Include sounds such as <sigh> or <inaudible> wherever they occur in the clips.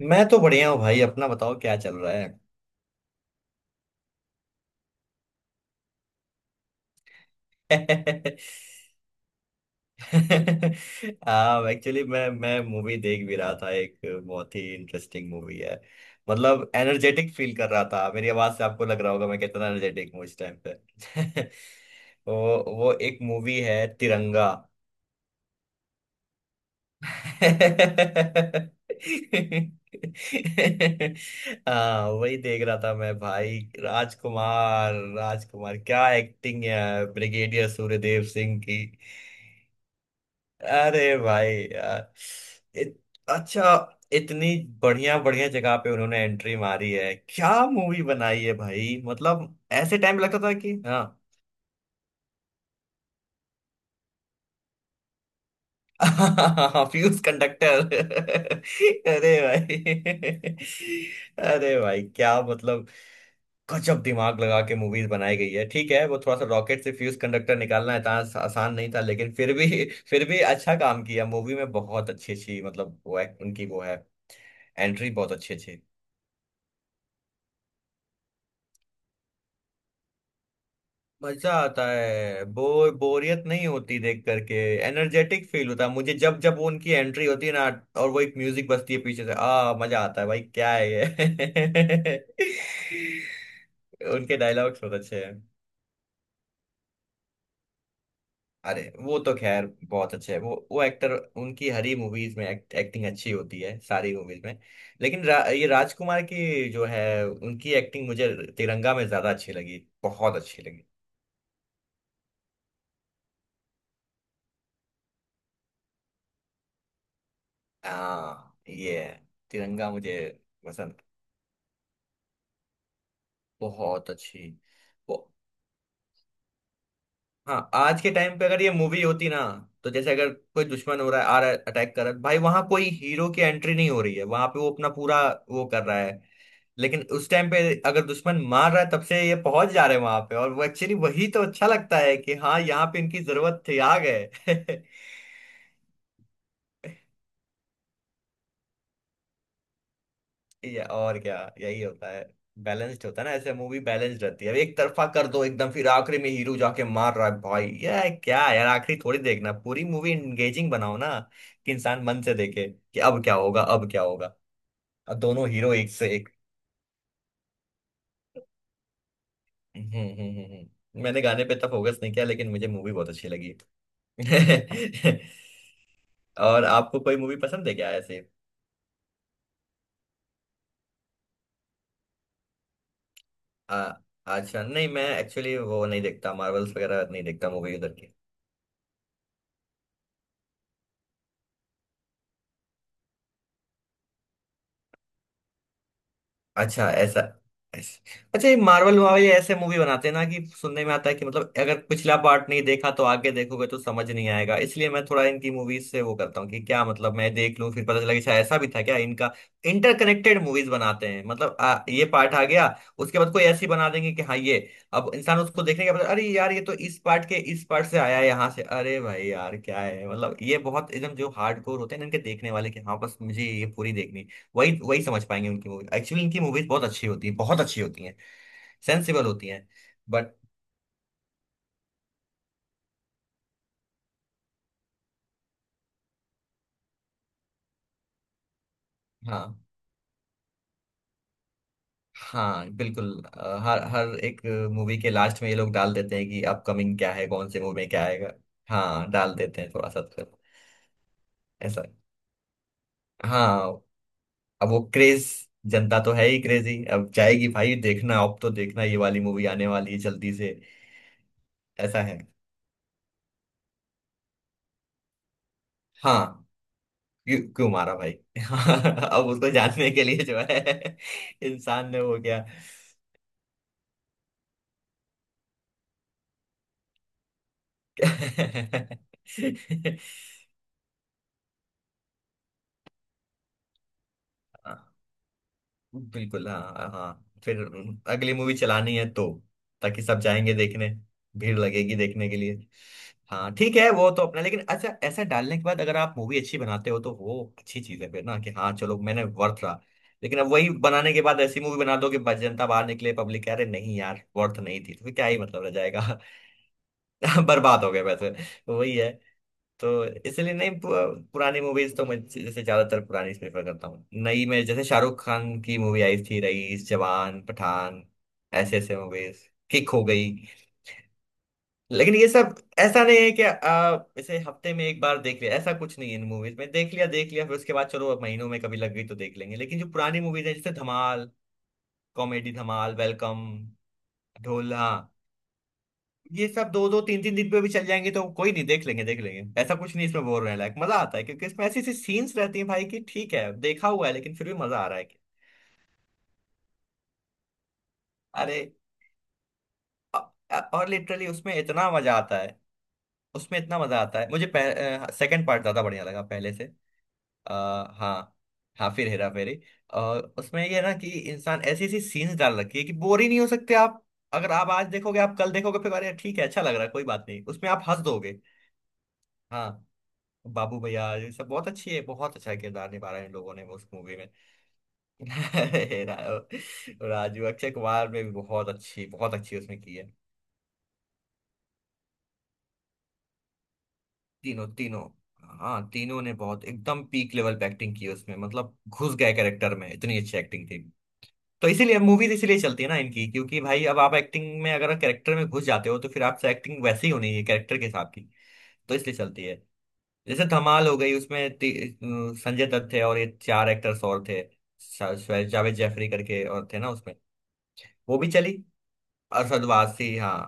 मैं तो बढ़िया हूँ भाई। अपना बताओ, क्या चल रहा है। <laughs> हाँ, एक्चुअली मैं मूवी देख भी रहा था एक। बहुत ही इंटरेस्टिंग मूवी है। मतलब एनर्जेटिक फील कर रहा था, मेरी आवाज से आपको लग रहा होगा मैं कितना एनर्जेटिक हूँ इस टाइम पे। <laughs> वो वो एक मूवी है, तिरंगा। <laughs> हाँ, वही देख रहा था मैं भाई। राजकुमार, राजकुमार क्या एक्टिंग है ब्रिगेडियर सूर्यदेव सिंह की। अरे भाई यार, इत, अच्छा, इतनी बढ़िया बढ़िया जगह पे उन्होंने एंट्री मारी है। क्या मूवी बनाई है भाई मतलब। ऐसे टाइम लगता था कि हाँ। <laughs> Fuse conductor. <laughs> अरे भाई। <laughs> अरे भाई, क्या मतलब। गजब दिमाग लगा के मूवीज बनाई गई है। ठीक है, वो थोड़ा सा रॉकेट से फ्यूज कंडक्टर निकालना है आसान, आसान नहीं था, लेकिन फिर भी <laughs> फिर भी अच्छा काम किया मूवी में। बहुत अच्छी अच्छी, मतलब वो उनकी वो है, एंट्री बहुत अच्छी अच्छी। मजा आता है, बोरियत नहीं होती देख करके। एनर्जेटिक फील होता है मुझे, जब जब वो उनकी एंट्री होती है ना और वो एक म्यूजिक बजती है पीछे से। आ मजा आता है भाई, क्या है ये। <laughs> उनके डायलॉग्स बहुत अच्छे हैं। अरे वो तो खैर बहुत अच्छे है, वो एक्टर। उनकी हर ही मूवीज में एक्टिंग अच्छी होती है, सारी मूवीज में। लेकिन ये राजकुमार की जो है उनकी एक्टिंग मुझे तिरंगा में ज्यादा अच्छी लगी। बहुत अच्छी लगी। हाँ, ये है। तिरंगा मुझे पसंद। बहुत अच्छी, वो। हाँ, आज के टाइम पे अगर ये मूवी होती ना, तो जैसे अगर कोई दुश्मन हो रहा है, आ रहा है, अटैक कर रहा है, भाई वहां कोई हीरो की एंट्री नहीं हो रही है, वहां पे वो अपना पूरा वो कर रहा है। लेकिन उस टाइम पे अगर दुश्मन मार रहा है तब से ये पहुंच जा रहे हैं वहां पे, और वो एक्चुअली वही तो अच्छा लगता है कि हाँ, यहाँ पे इनकी जरूरत थी, आ गए। <laughs> या और क्या, यही होता है। बैलेंस्ड होता है ना, ऐसे मूवी बैलेंस्ड रहती है। अब एक तरफा कर दो एकदम, फिर आखिरी में हीरो जाके मार रहा है, भाई ये क्या है यार। आखिरी थोड़ी देखना, पूरी मूवी एंगेजिंग बनाओ ना, कि इंसान मन से देखे कि अब क्या होगा, अब क्या होगा। अब दोनों हीरो एक से एक। मैंने गाने पे तो फोकस नहीं किया, लेकिन मुझे मूवी बहुत अच्छी लगी। <laughs> और आपको कोई मूवी पसंद है क्या ऐसे। आ, अच्छा नहीं, मैं एक्चुअली वो नहीं देखता, मार्वल्स वगैरह नहीं देखता मूवी उधर की। अच्छा, ऐसा ऐस- अच्छा, ये मार्वल वाले ऐसे मूवी बनाते हैं ना, कि सुनने में आता है कि मतलब अगर पिछला पार्ट नहीं देखा तो आगे देखोगे तो समझ नहीं आएगा। इसलिए मैं थोड़ा इनकी मूवीज से वो करता हूँ कि क्या मतलब मैं देख लूँ, फिर पता चला कि अच्छा ऐसा भी था क्या इनका। इंटरकनेक्टेड मूवीज बनाते हैं। मतलब ये पार्ट आ गया, उसके बाद कोई ऐसी बना देंगे कि हाँ ये, अब इंसान उसको देखने के बाद, अरे यार ये तो इस पार्ट के इस पार्ट से आया है, यहाँ से। अरे भाई यार, क्या है मतलब। ये बहुत एकदम जो हार्ड कोर होते हैं ना इनके देखने वाले, कि हाँ बस मुझे ये पूरी देखनी, वही वही समझ पाएंगे उनकी मूवी। एक्चुअली इनकी मूवीज बहुत अच्छी होती हैं, बहुत अच्छी होती हैं, सेंसिबल होती हैं। बट हाँ, हाँ, बिल्कुल। हर हर एक मूवी के लास्ट में ये लोग डाल देते हैं कि अपकमिंग क्या है, कौन से मूवी में क्या आएगा। हाँ, डाल देते हैं थोड़ा सा तो। ऐसा। हाँ, अब वो क्रेज, जनता तो है ही क्रेजी, अब जाएगी भाई देखना, अब तो देखना ये वाली मूवी आने वाली है जल्दी से। ऐसा है। हाँ, क्यों क्यों मारा भाई। <laughs> अब उसको जानने के लिए जो है, <laughs> इंसान ने वो किया। <laughs> बिल्कुल, हाँ हाँ। फिर अगली मूवी चलानी है तो, ताकि सब जाएंगे देखने, भीड़ लगेगी देखने के लिए। हाँ ठीक है, वो तो अपना, लेकिन अच्छा ऐसा डालने के बाद अगर आप मूवी अच्छी बनाते हो तो वो अच्छी चीज है फिर ना, कि हाँ चलो, मैंने वर्थ रहा। लेकिन अब वही बनाने के बाद ऐसी मूवी बना दो कि बस जनता बाहर निकले, पब्लिक कह रहे नहीं यार वर्थ नहीं थी, तो फिर क्या ही मतलब रह जाएगा। <laughs> बर्बाद हो गए वैसे। वही है। तो इसलिए नहीं, पुरानी मूवीज तो मैं जैसे ज्यादातर पुरानी प्रेफर करता हूँ। नई में जैसे शाहरुख खान की मूवी आई थी, रईस, जवान, पठान, ऐसे ऐसे मूवीज किक हो गई। लेकिन ये सब ऐसा नहीं है कि इसे हफ्ते में एक बार देख लिया, ऐसा कुछ नहीं है इन मूवीज में। देख लिया देख लिया, फिर उसके बाद चलो अब महीनों में कभी लग गई तो देख लेंगे। लेकिन जो पुरानी मूवीज है, जैसे धमाल कॉमेडी, धमाल, वेलकम, ढोल, हाँ, ये सब दो दो तीन तीन दिन पे भी चल जाएंगे तो कोई नहीं, देख लेंगे देख लेंगे, ऐसा कुछ नहीं इसमें। बोर होने लायक, मजा आता है, क्योंकि इसमें ऐसी ऐसी सीन्स रहती हैं भाई कि ठीक है देखा हुआ है, लेकिन फिर भी मजा आ रहा है कि। अरे अ- और लिटरली उसमें इतना मजा आता है। उसमें इतना मजा आता है मुझे। सेकंड पार्ट ज्यादा बढ़िया लगा पहले से। आ, हाँ, हाँ फिर हेरा फेरी। और उसमें ये है ना, कि इंसान ऐसी ऐसी सीन्स डाल रखी है कि बोर ही नहीं हो सकते आप। अगर आप आज देखोगे, आप कल देखोगे फिर, अरे ठीक है अच्छा लग रहा है कोई बात नहीं, उसमें आप हंस दोगे। हाँ। बाबू भैया ये सब बहुत अच्छी है, बहुत अच्छा किरदार निभा रहे हैं इन लोगों ने उस मूवी में। <laughs> हेरा राजू, अक्षय कुमार ने भी बहुत अच्छी उसमें की है। तीनों, तीनों, हाँ तीनों ने बहुत एकदम पीक लेवल पे एक्टिंग की है उसमें। मतलब घुस गए कैरेक्टर में, इतनी अच्छी एक्टिंग थी। तो इसीलिए मूवीज इसीलिए चलती है ना इनकी, क्योंकि भाई अब आप एक्टिंग में अगर कैरेक्टर में घुस जाते हो तो फिर आपसे एक्टिंग वैसे ही होनी है कैरेक्टर के हिसाब की। तो इसलिए चलती है। जैसे धमाल हो गई, उसमें संजय दत्त थे और ये चार एक्टर्स और थे। शायद जावेद जैफरी करके और थे ना उसमें। वो भी चली। अरशद वारसी, हाँ।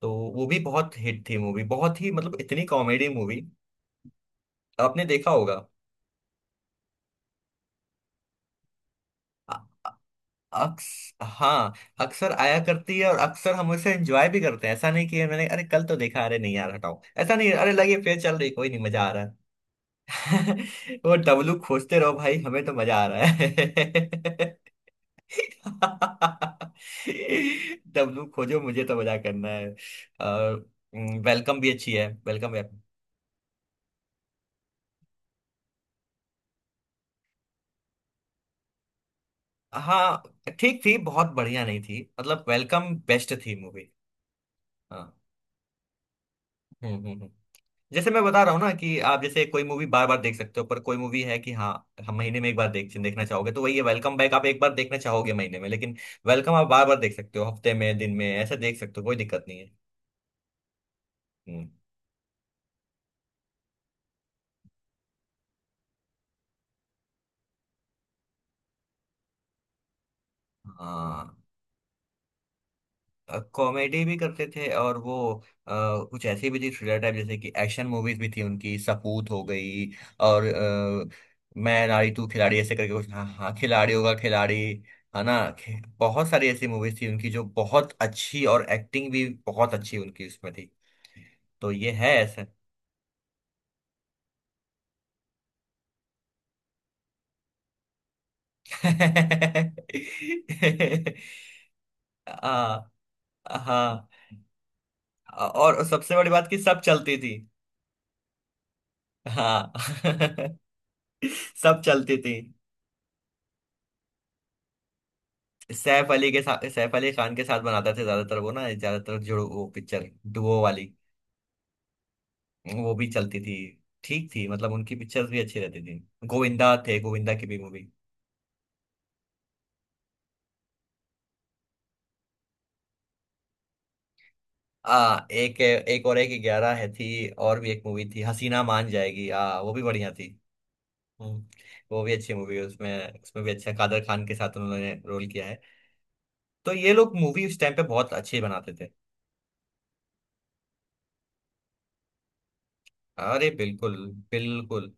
तो वो भी बहुत हिट थी मूवी, बहुत ही, मतलब इतनी कॉमेडी मूवी, आपने देखा होगा। अ- अ- अक्स हाँ, अक्सर आया करती है, और अक्सर हम उसे एंजॉय भी करते हैं। ऐसा नहीं कि मैंने अरे कल तो देखा, अरे नहीं यार हटाओ, ऐसा नहीं, अरे लगे फिर चल रही, कोई नहीं मजा आ रहा है। <laughs> वो डब्लू खोजते रहो भाई, हमें तो मजा आ रहा है। <laughs> <laughs> डब्लू खोजो, मुझे तो मजा करना है। और वेलकम भी अच्छी है, वेलकम वेब, हाँ। ठीक थी, बहुत बढ़िया नहीं थी, मतलब वेलकम बेस्ट थी मूवी। हाँ। हम्म हम्म हम्म। जैसे मैं बता रहा हूँ ना, कि आप जैसे कोई मूवी बार बार देख सकते हो, पर कोई मूवी है कि हाँ, हम महीने में एक बार देख, देखना चाहोगे तो वही है वेलकम बैक। आप एक बार देखना चाहोगे महीने में, लेकिन वेलकम आप बार बार देख सकते हो, हफ्ते में, दिन में ऐसे देख सकते हो, कोई दिक्कत नहीं है। हम्म। हाँ, कॉमेडी भी करते थे, और वो अ, कुछ ऐसी भी थी थ्रिलर टाइप, जैसे कि एक्शन मूवीज भी थी उनकी, सपूत हो गई, और मैं नारी तू खिलाड़ी, ऐसे करके कुछ, हाँ हाँ खिलाड़ी, होगा खिलाड़ी। है ना, बहुत सारी ऐसी मूवीज थी उनकी जो बहुत अच्छी, और एक्टिंग भी बहुत अच्छी उनकी उसमें थी। तो ये है ऐसा। <laughs> हाँ, हाँ। और सबसे बड़ी बात कि सब चलती थी। हाँ। <laughs> सब चलती थी। सैफ अली के साथ, सैफ अली खान के साथ बनाते थे ज्यादातर वो ना, ज्यादातर जो वो पिक्चर, डुओ वाली, वो भी चलती थी, ठीक थी, मतलब उनकी पिक्चर्स भी अच्छी रहती थी। गोविंदा थे, गोविंदा की भी मूवी, आ, एक, एक और एक ग्यारह है, थी। और भी एक मूवी थी, हसीना मान जाएगी, आ, वो भी बढ़िया थी। हम्म, वो भी अच्छी मूवी है। उसमें, उसमें भी अच्छा कादर खान के साथ उन्होंने रोल किया है। तो ये लोग मूवी उस टाइम पे बहुत अच्छी बनाते थे। अरे बिल्कुल, बिल्कुल।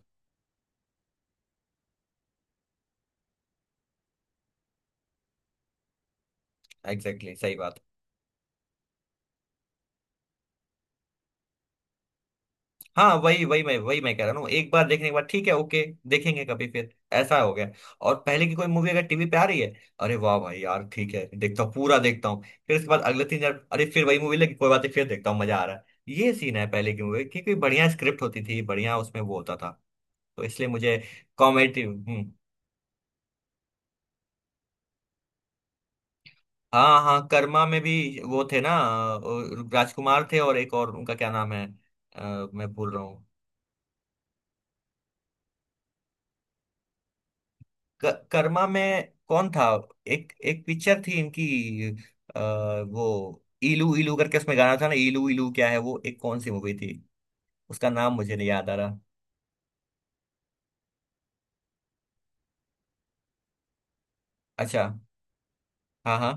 एग्जैक्टली, सही बात। हाँ, वही वही मैं, वही मैं कह रहा हूँ, एक बार देखने के बाद ठीक है ओके, देखेंगे कभी फिर, ऐसा हो गया। और पहले की कोई मूवी अगर टीवी पे आ रही है, अरे वाह भाई यार, ठीक है देखता हूँ, पूरा देखता हूँ, फिर उसके बाद अगले तीन चार, अरे फिर वही मूवी लगी, कोई बात नहीं फिर देखता हूँ, मजा आ रहा है, ये सीन है पहले की मूवी, क्योंकि बढ़िया स्क्रिप्ट होती थी, बढ़िया उसमें वो होता था। तो इसलिए मुझे कॉमेडी। हम्म। हाँ हाँ, कर्मा में भी वो थे ना, राजकुमार थे और एक और, उनका क्या नाम है, मैं भूल रहा हूँ। कर्मा में कौन था। एक, एक पिक्चर थी इनकी, अ, वो इलू इलू करके उसमें गाना था ना, इलू इलू क्या है, वो एक कौन सी मूवी थी, उसका नाम मुझे नहीं याद आ रहा। अच्छा, हाँ हाँ।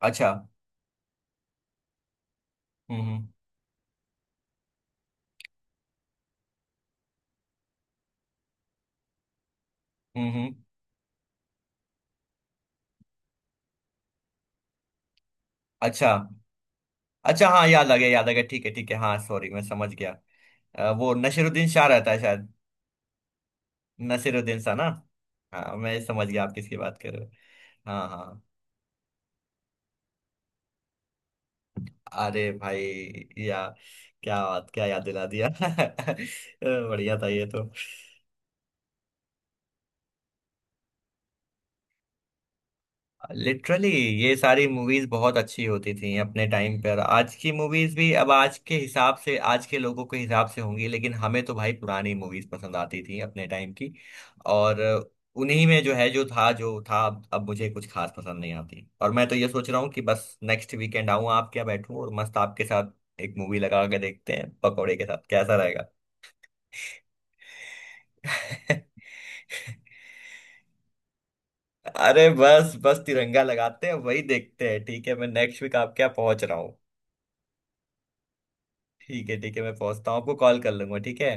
अच्छा। हम्म हम्म हम्म हम्म, अच्छा, अच्छा, हाँ याद आ गया, याद आ गया, ठीक है ठीक है, हाँ सॉरी मैं समझ गया। वो नसीरुद्दीन शाह रहता है शायद। नसीरुद्दीन शाह ना। हाँ, मैं समझ गया आप किसकी बात कर रहे हो। हाँ, हाँ। अरे भाई या, क्या बात, क्या याद दिला दिया। <laughs> बढ़िया था ये तो। लिटरली, ये सारी मूवीज बहुत अच्छी होती थी अपने टाइम पर। आज की मूवीज भी, अब आज के हिसाब से, आज के लोगों के हिसाब से होंगी, लेकिन हमें तो भाई पुरानी मूवीज पसंद आती थी, अपने टाइम की। और उन्हीं में जो है, जो था, जो था, अब मुझे कुछ खास पसंद नहीं आती। और मैं तो ये सोच रहा हूँ कि बस नेक्स्ट वीकेंड आऊँ आप क्या, बैठूँ और मस्त आपके साथ एक मूवी लगा के देखते हैं, पकौड़े के साथ, कैसा रहेगा। <laughs> अरे बस बस, तिरंगा लगाते हैं, वही देखते हैं। ठीक है, मैं नेक्स्ट वीक आपके यहाँ पहुंच रहा हूँ। ठीक है, ठीक है, मैं पहुंचता हूँ, आपको कॉल कर लूंगा, ठीक है।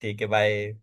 ठीक है, बाय।